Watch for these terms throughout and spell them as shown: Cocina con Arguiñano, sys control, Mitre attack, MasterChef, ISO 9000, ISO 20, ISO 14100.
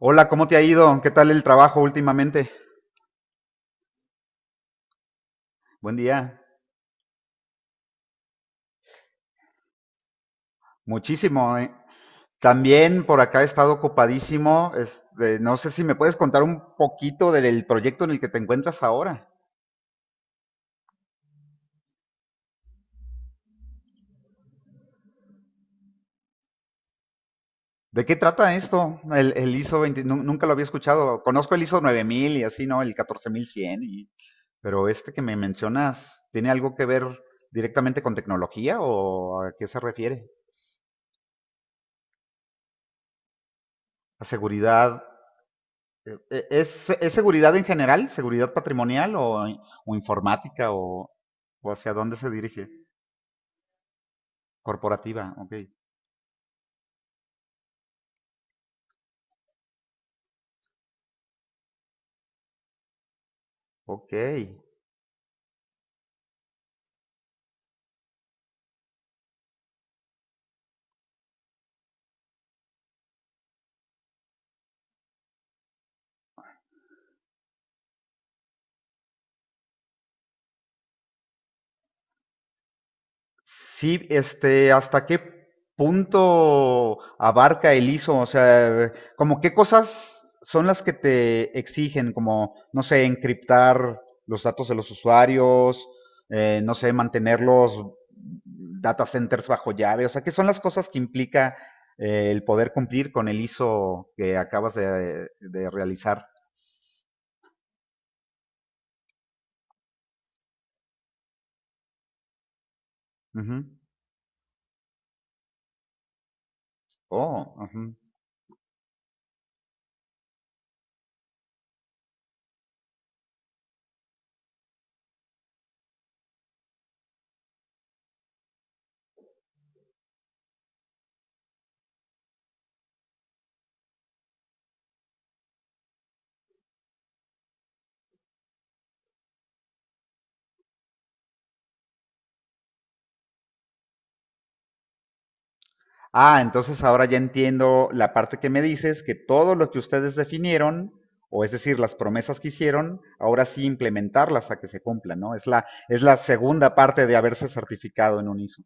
Hola, ¿cómo te ha ido? ¿Qué tal el trabajo últimamente? Buen día. Muchísimo, ¿eh? También por acá he estado ocupadísimo. Este, no sé si me puedes contar un poquito del proyecto en el que te encuentras ahora. ¿De qué trata esto? El ISO 20, nunca lo había escuchado. Conozco el ISO 9000 y así, ¿no? El 14100. Pero este que me mencionas, ¿tiene algo que ver directamente con tecnología o a qué se refiere? ¿A seguridad? ¿Es seguridad en general? ¿Seguridad patrimonial o informática, o hacia dónde se dirige? Corporativa, ok. Ok. Sí, este, ¿hasta qué punto abarca el ISO? O sea, ¿como qué cosas son las que te exigen? Como, no sé, encriptar los datos de los usuarios, no sé, mantener los data centers bajo llave. O sea, ¿qué son las cosas que implica el poder cumplir con el ISO que acabas de realizar? Ujú. Oh, ujú. Ah, entonces ahora ya entiendo la parte que me dices, que todo lo que ustedes definieron, o es decir, las promesas que hicieron, ahora sí implementarlas a que se cumplan, ¿no? Es la segunda parte de haberse certificado en un ISO.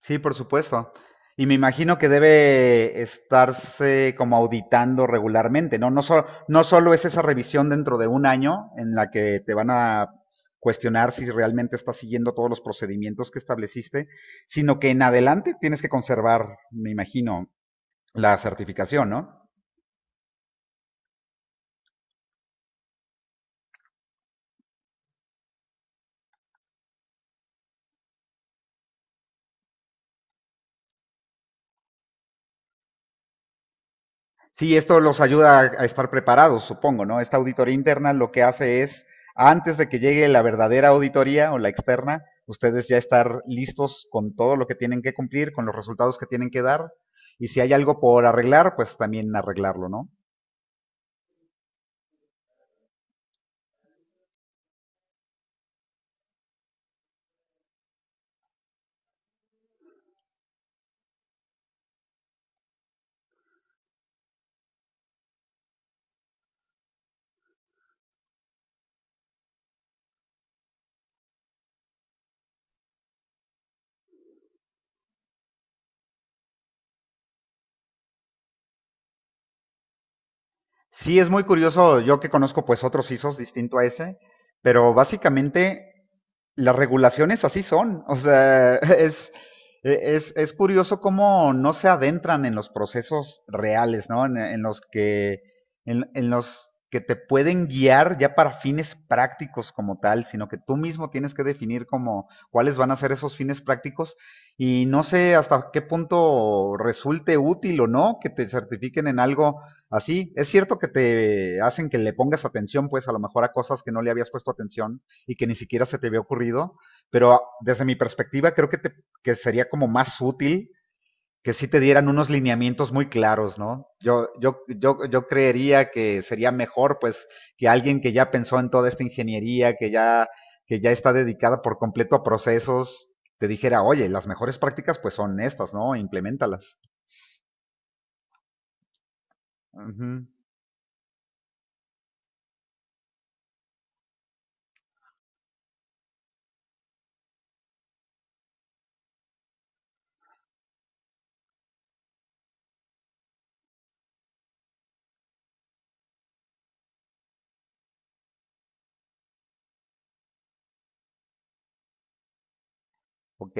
Sí, por supuesto. Y me imagino que debe estarse como auditando regularmente, ¿no? No, no solo es esa revisión dentro de un año en la que te van a cuestionar si realmente estás siguiendo todos los procedimientos que estableciste, sino que en adelante tienes que conservar, me imagino, la certificación, ¿no? Sí, esto los ayuda a estar preparados, supongo, ¿no? Esta auditoría interna lo que hace es, antes de que llegue la verdadera auditoría o la externa, ustedes ya estar listos con todo lo que tienen que cumplir, con los resultados que tienen que dar, y si hay algo por arreglar, pues también arreglarlo, ¿no? Sí, es muy curioso. Yo que conozco pues otros ISOs distinto a ese, pero básicamente las regulaciones así son. O sea, es curioso cómo no se adentran en los procesos reales, ¿no? En los que te pueden guiar ya para fines prácticos como tal, sino que tú mismo tienes que definir como cuáles van a ser esos fines prácticos, y no sé hasta qué punto resulte útil o no que te certifiquen en algo así. Es cierto que te hacen que le pongas atención pues a lo mejor a cosas que no le habías puesto atención, y que ni siquiera se te había ocurrido, pero desde mi perspectiva creo que, que sería como más útil que si sí te dieran unos lineamientos muy claros, ¿no? Yo creería que sería mejor, pues, que alguien que ya pensó en toda esta ingeniería, que ya está dedicada por completo a procesos, te dijera, oye, las mejores prácticas pues son estas, ¿no? Implementalas. Uh -huh. Ok.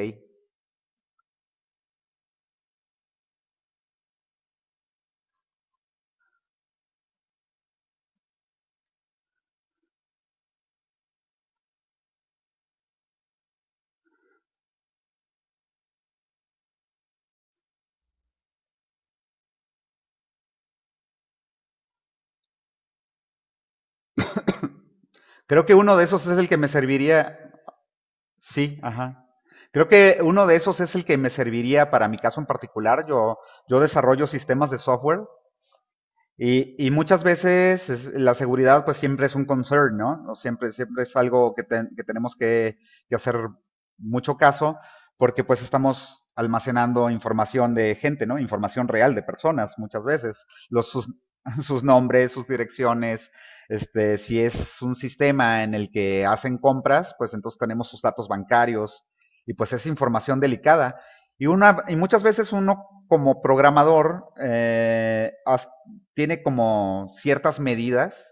Creo que uno de esos es el que me serviría. Sí, ajá. Creo que uno de esos es el que me serviría para mi caso en particular. Yo desarrollo sistemas de software y muchas veces la seguridad pues siempre es un concern, ¿no? O siempre, siempre es algo que, que tenemos que hacer mucho caso, porque pues estamos almacenando información de gente, ¿no? Información real de personas muchas veces. Los, sus, sus nombres, sus direcciones, este, si es un sistema en el que hacen compras, pues entonces tenemos sus datos bancarios, y pues es información delicada. Y muchas veces uno como programador tiene como ciertas medidas,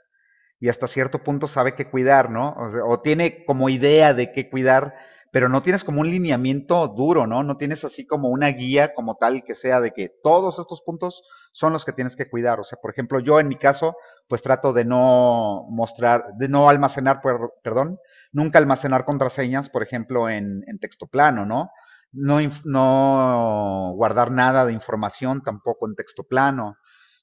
y hasta cierto punto sabe qué cuidar, ¿no? O sea, o tiene como idea de qué cuidar, pero no tienes como un lineamiento duro, ¿no? No tienes así como una guía como tal que sea de que todos estos puntos son los que tienes que cuidar. O sea, por ejemplo, yo en mi caso, pues trato de no mostrar, de no almacenar, perdón, nunca almacenar contraseñas, por ejemplo, en texto plano, ¿no? ¿No? No guardar nada de información tampoco en texto plano,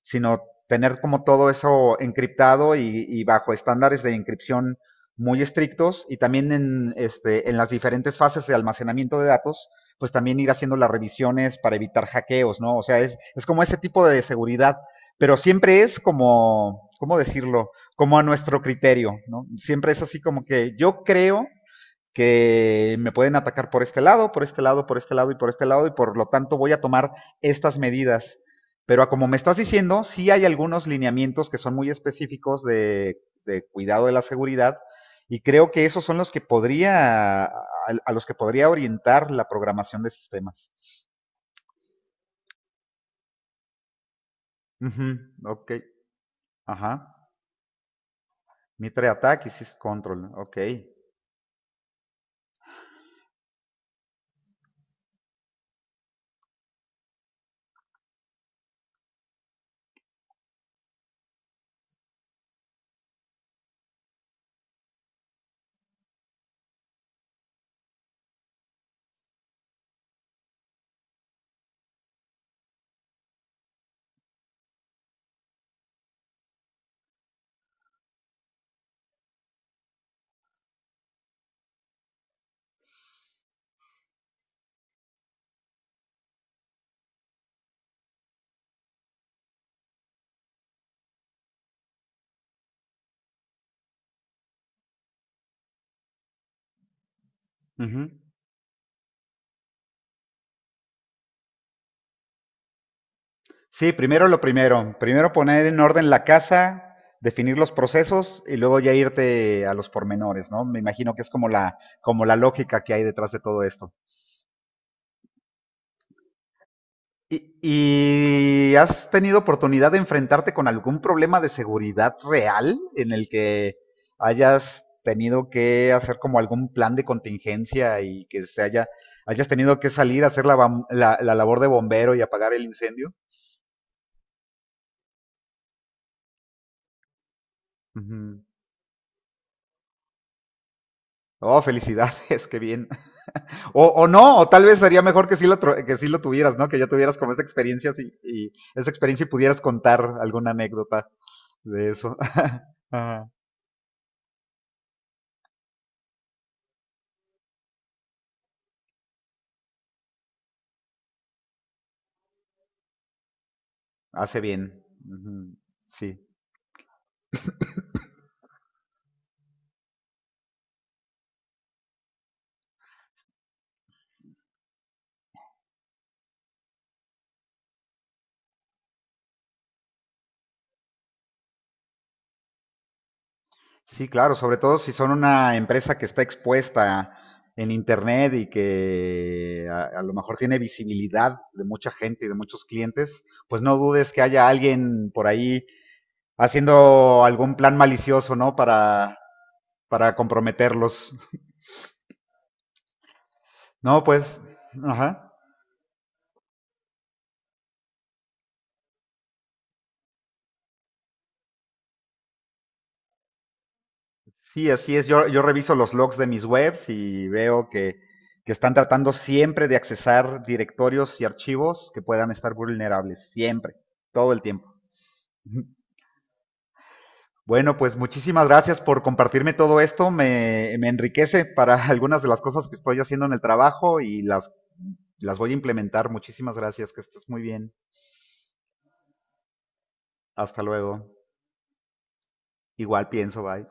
sino tener como todo eso encriptado, y bajo estándares de encripción muy estrictos. Y también en, este, en las diferentes fases de almacenamiento de datos, pues también ir haciendo las revisiones para evitar hackeos, ¿no? O sea, es como ese tipo de seguridad, pero siempre es como, ¿cómo decirlo? Como a nuestro criterio, ¿no? Siempre es así como que yo creo que me pueden atacar por este lado, por este lado, por este lado y por este lado, y por lo tanto voy a tomar estas medidas. Pero como me estás diciendo, sí hay algunos lineamientos que son muy específicos de cuidado de la seguridad, y creo que esos son los que podría, a los que podría orientar la programación de sistemas. Uh -huh, ok, ajá. Mitre attack y sys control, ok. Uh -huh. Sí, primero lo primero. Primero poner en orden la casa, definir los procesos y luego ya irte a los pormenores, ¿no? Me imagino que es como la lógica que hay detrás de todo esto. ¿Y has tenido oportunidad de enfrentarte con algún problema de seguridad real en el que hayas tenido que hacer como algún plan de contingencia, y que se haya, hayas tenido que salir a hacer la labor de bombero y apagar el incendio? Ujú. Oh, felicidades, qué bien. O no, o tal vez sería mejor que sí, que sí lo tuvieras, ¿no? Que ya tuvieras como esa experiencia así, y esa experiencia, y pudieras contar alguna anécdota de eso. Ajá. Hace bien. Ujú. Sí. Sí, claro, sobre todo si son una empresa que está expuesta en internet y que a lo mejor tiene visibilidad de mucha gente y de muchos clientes, pues no dudes que haya alguien por ahí haciendo algún plan malicioso, ¿no? Para comprometerlos. No, pues, ajá. Sí, así es. Yo reviso los logs de mis webs y veo que están tratando siempre de accesar directorios y archivos que puedan estar vulnerables, siempre, todo el tiempo. Bueno, pues muchísimas gracias por compartirme todo esto. Me enriquece para algunas de las cosas que estoy haciendo en el trabajo, y las voy a implementar. Muchísimas gracias, que estés muy bien. Hasta luego. Igual pienso, bye.